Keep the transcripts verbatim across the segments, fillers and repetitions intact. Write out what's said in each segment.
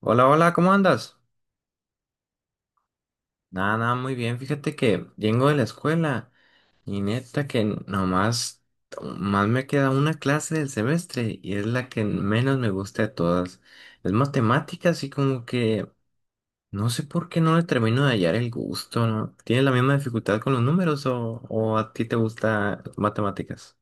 Hola, hola, ¿cómo andas? Nada, nada, muy bien. Fíjate que vengo de la escuela y neta que nomás más me queda una clase del semestre y es la que menos me gusta de todas. Es matemáticas y como que no sé por qué no le termino de hallar el gusto, ¿no? ¿Tienes la misma dificultad con los números o, o a ti te gusta matemáticas?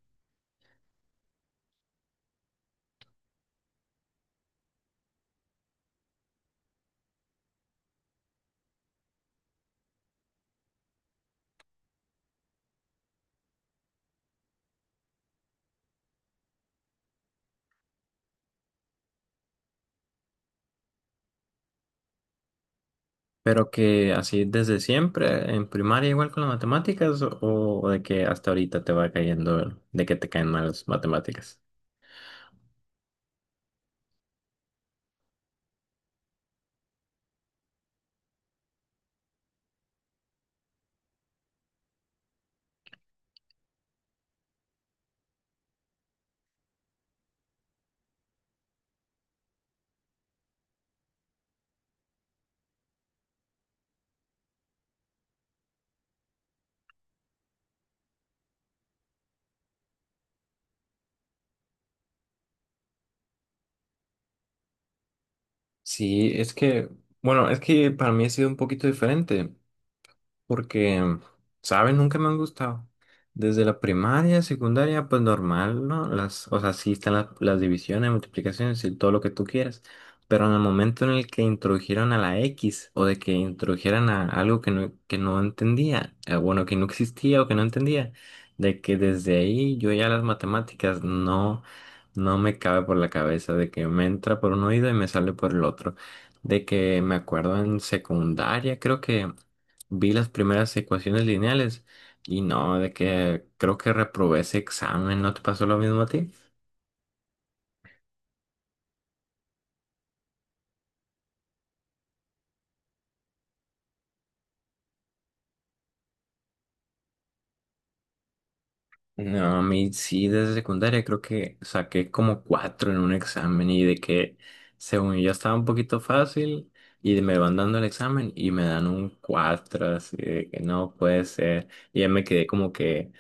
Pero que así desde siempre, en primaria igual con las matemáticas o, o de que hasta ahorita te va cayendo, de que te caen mal las matemáticas. Sí, es que, bueno, es que para mí ha sido un poquito diferente porque, ¿saben? Nunca me han gustado. Desde la primaria, secundaria, pues normal, ¿no? Las, o sea, sí están las, las divisiones, multiplicaciones y todo lo que tú quieras. Pero en el momento en el que introdujeron a la X o de que introdujeran a algo que no, que no entendía, eh, bueno, que no existía o que no entendía, de que desde ahí yo ya las matemáticas no, no me cabe por la cabeza, de que me entra por un oído y me sale por el otro. De que me acuerdo en secundaria, creo que vi las primeras ecuaciones lineales y no, de que creo que reprobé ese examen. ¿No te pasó lo mismo a ti? No, a mí sí, desde secundaria creo que saqué como cuatro en un examen y de que según yo estaba un poquito fácil y me van dando el examen y me dan un cuatro, así de que no puede ser. Y ya me quedé como que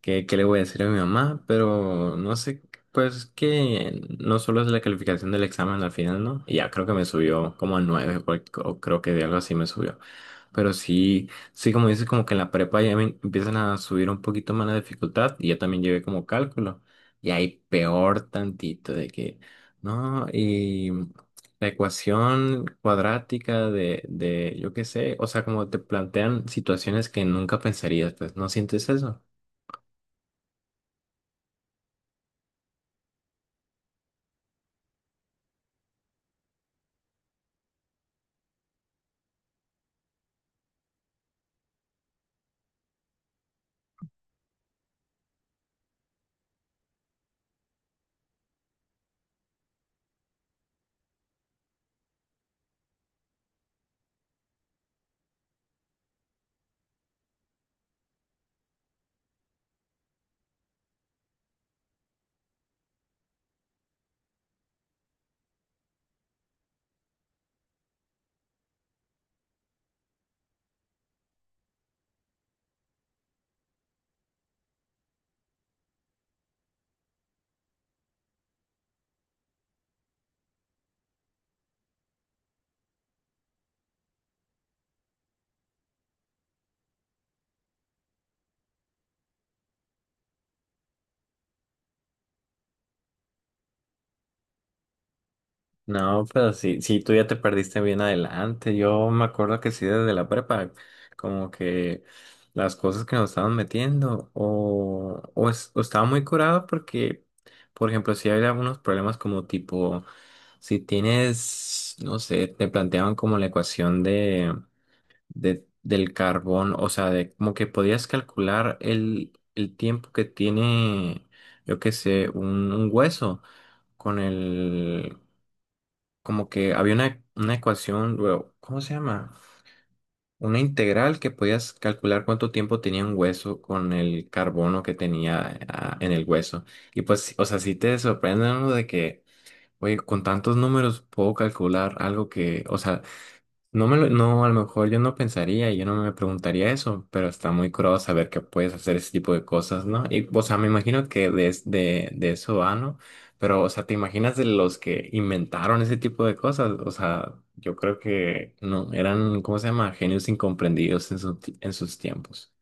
¿qué, qué le voy a decir a mi mamá? Pero no sé, pues que no solo es la calificación del examen al final, ¿no? Y ya creo que me subió como a nueve, por- o creo que de algo así me subió. Pero sí, sí, como dices, como que en la prepa ya me empiezan a subir un poquito más la dificultad y yo también llevé como cálculo. Y ahí peor tantito de que, ¿no? Y la ecuación cuadrática de, de, yo qué sé, o sea, como te plantean situaciones que nunca pensarías, pues, ¿no sientes eso? No, pero sí, sí, tú ya te perdiste bien adelante. Yo me acuerdo que sí, desde la prepa, como que las cosas que nos estaban metiendo, o, o, es- o estaba muy curado porque, por ejemplo, si había algunos problemas como tipo, si tienes, no sé, te planteaban como la ecuación de, de- del carbón, o sea, de como que podías calcular el, el tiempo que tiene, yo qué sé, un un hueso con el como que había una, una ecuación, bueno, ¿cómo se llama? Una integral que podías calcular cuánto tiempo tenía un hueso con el carbono que tenía ah, en el hueso. Y pues, sí, o sea, sí te sorprende, ¿no? De que, oye, con tantos números puedo calcular algo que, o sea, no me lo- no, a lo mejor yo no pensaría, y yo no me preguntaría eso, pero está muy curado saber que puedes hacer ese tipo de cosas, ¿no? Y, o sea, me imagino que de, es- de, de eso va, ¿no? Pero, o sea, ¿te imaginas de los que inventaron ese tipo de cosas? O sea, yo creo que no, eran, ¿cómo se llama? Genios incomprendidos en, su ti- en sus tiempos.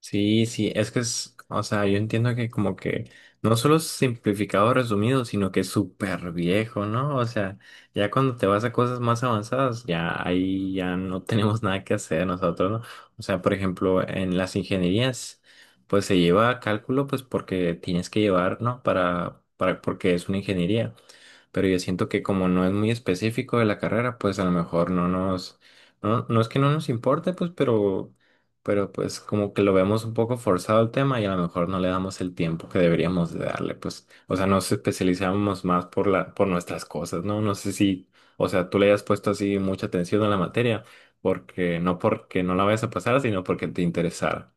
Sí, sí, es que es, o sea, yo entiendo que como que no solo es simplificado resumido, sino que es súper viejo, ¿no? O sea, ya cuando te vas a cosas más avanzadas, ya ahí ya no tenemos nada que hacer nosotros, ¿no? O sea, por ejemplo, en las ingenierías, pues se lleva cálculo, pues porque tienes que llevar, ¿no? Para, para, porque es una ingeniería, pero yo siento que como no es muy específico de la carrera, pues a lo mejor no nos, no, no es que no nos importe, pues, pero, pero pues como que lo vemos un poco forzado el tema y a lo mejor no le damos el tiempo que deberíamos de darle, pues, o sea, nos especializamos más por la, por nuestras cosas, ¿no? No sé si, o sea, tú le hayas puesto así mucha atención a la materia, porque no porque no la vayas a pasar, sino porque te interesara.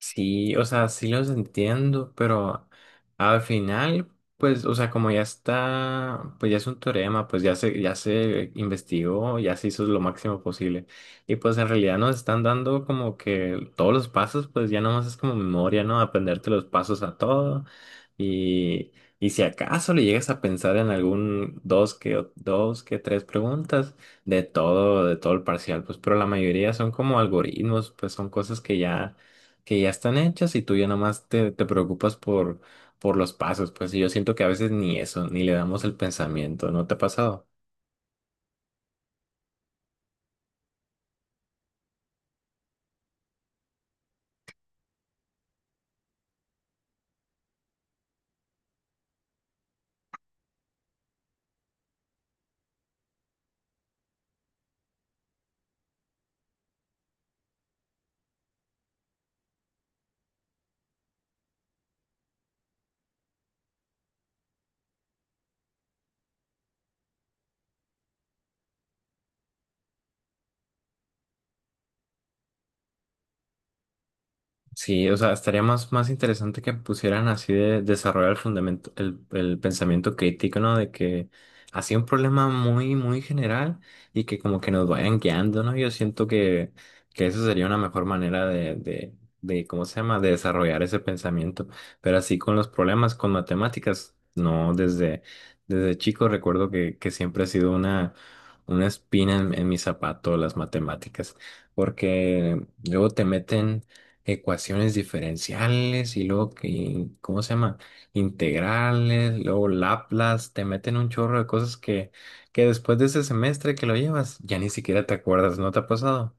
Sí, o sea, sí los entiendo, pero al final, pues, o sea, como ya está, pues ya es un teorema, pues ya se, ya se investigó, ya se hizo lo máximo posible. Y pues en realidad nos están dando como que todos los pasos, pues ya nomás es como memoria, ¿no? Aprenderte los pasos a todo. Y, y si acaso le llegas a pensar en algún dos que, dos que tres preguntas de todo, de todo el parcial, pues, pero la mayoría son como algoritmos, pues son cosas que ya que ya están hechas y tú ya nada más te, te preocupas por, por los pasos, pues y yo siento que a veces ni eso, ni le damos el pensamiento, ¿no te ha pasado? Sí, o sea, estaría más, más interesante que pusieran así de desarrollar el fundamento, el, el pensamiento crítico, ¿no? De que así un problema muy, muy general y que como que nos vayan guiando, ¿no? Yo siento que, que eso sería una mejor manera de, de, de, ¿cómo se llama? De desarrollar ese pensamiento. Pero así con los problemas, con matemáticas, no, desde, desde chico recuerdo que, que siempre ha sido una, una espina en, en mi zapato las matemáticas, porque luego te meten ecuaciones diferenciales y luego que, ¿cómo se llama? Integrales, luego Laplace, te meten un chorro de cosas que, que después de ese semestre que lo llevas, ya ni siquiera te acuerdas, ¿no te ha pasado?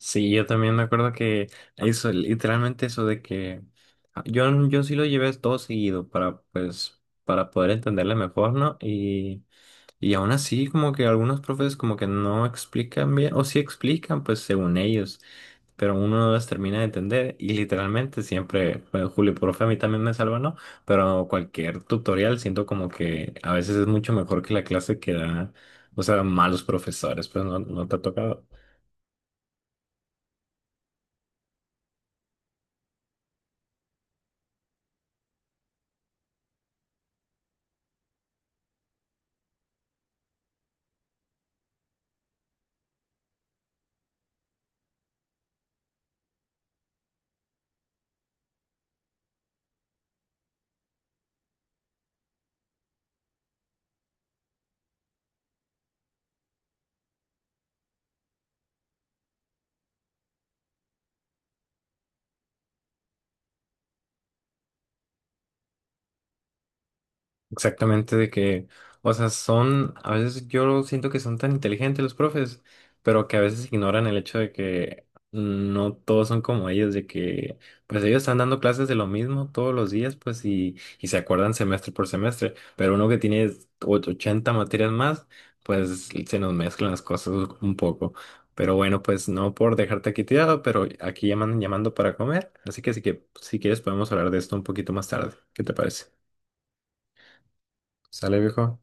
Sí, yo también me acuerdo que eso, literalmente eso de que ah, yo, yo sí lo llevé todo seguido para, pues, para poder entenderle mejor, ¿no? Y aún así, como que algunos profes como que no explican bien, o sí explican, pues según ellos, pero uno no las termina de entender y literalmente siempre, bueno, Julio, profe, a mí también me salva, ¿no? Pero cualquier tutorial siento como que a veces es mucho mejor que la clase que da, o sea, malos profesores, pues no, no te ha tocado. Exactamente, de que, o sea, son, a veces yo siento que son tan inteligentes los profes, pero que a veces ignoran el hecho de que no todos son como ellos, de que, pues ellos están dando clases de lo mismo todos los días, pues, y, y se acuerdan semestre por semestre, pero uno que tiene och- ochenta materias más, pues se nos mezclan las cosas un poco. Pero bueno, pues no por dejarte aquí tirado, pero aquí llaman llamando para comer, así que, sí que si quieres podemos hablar de esto un poquito más tarde. ¿Qué te parece? ¿Sale, viejo?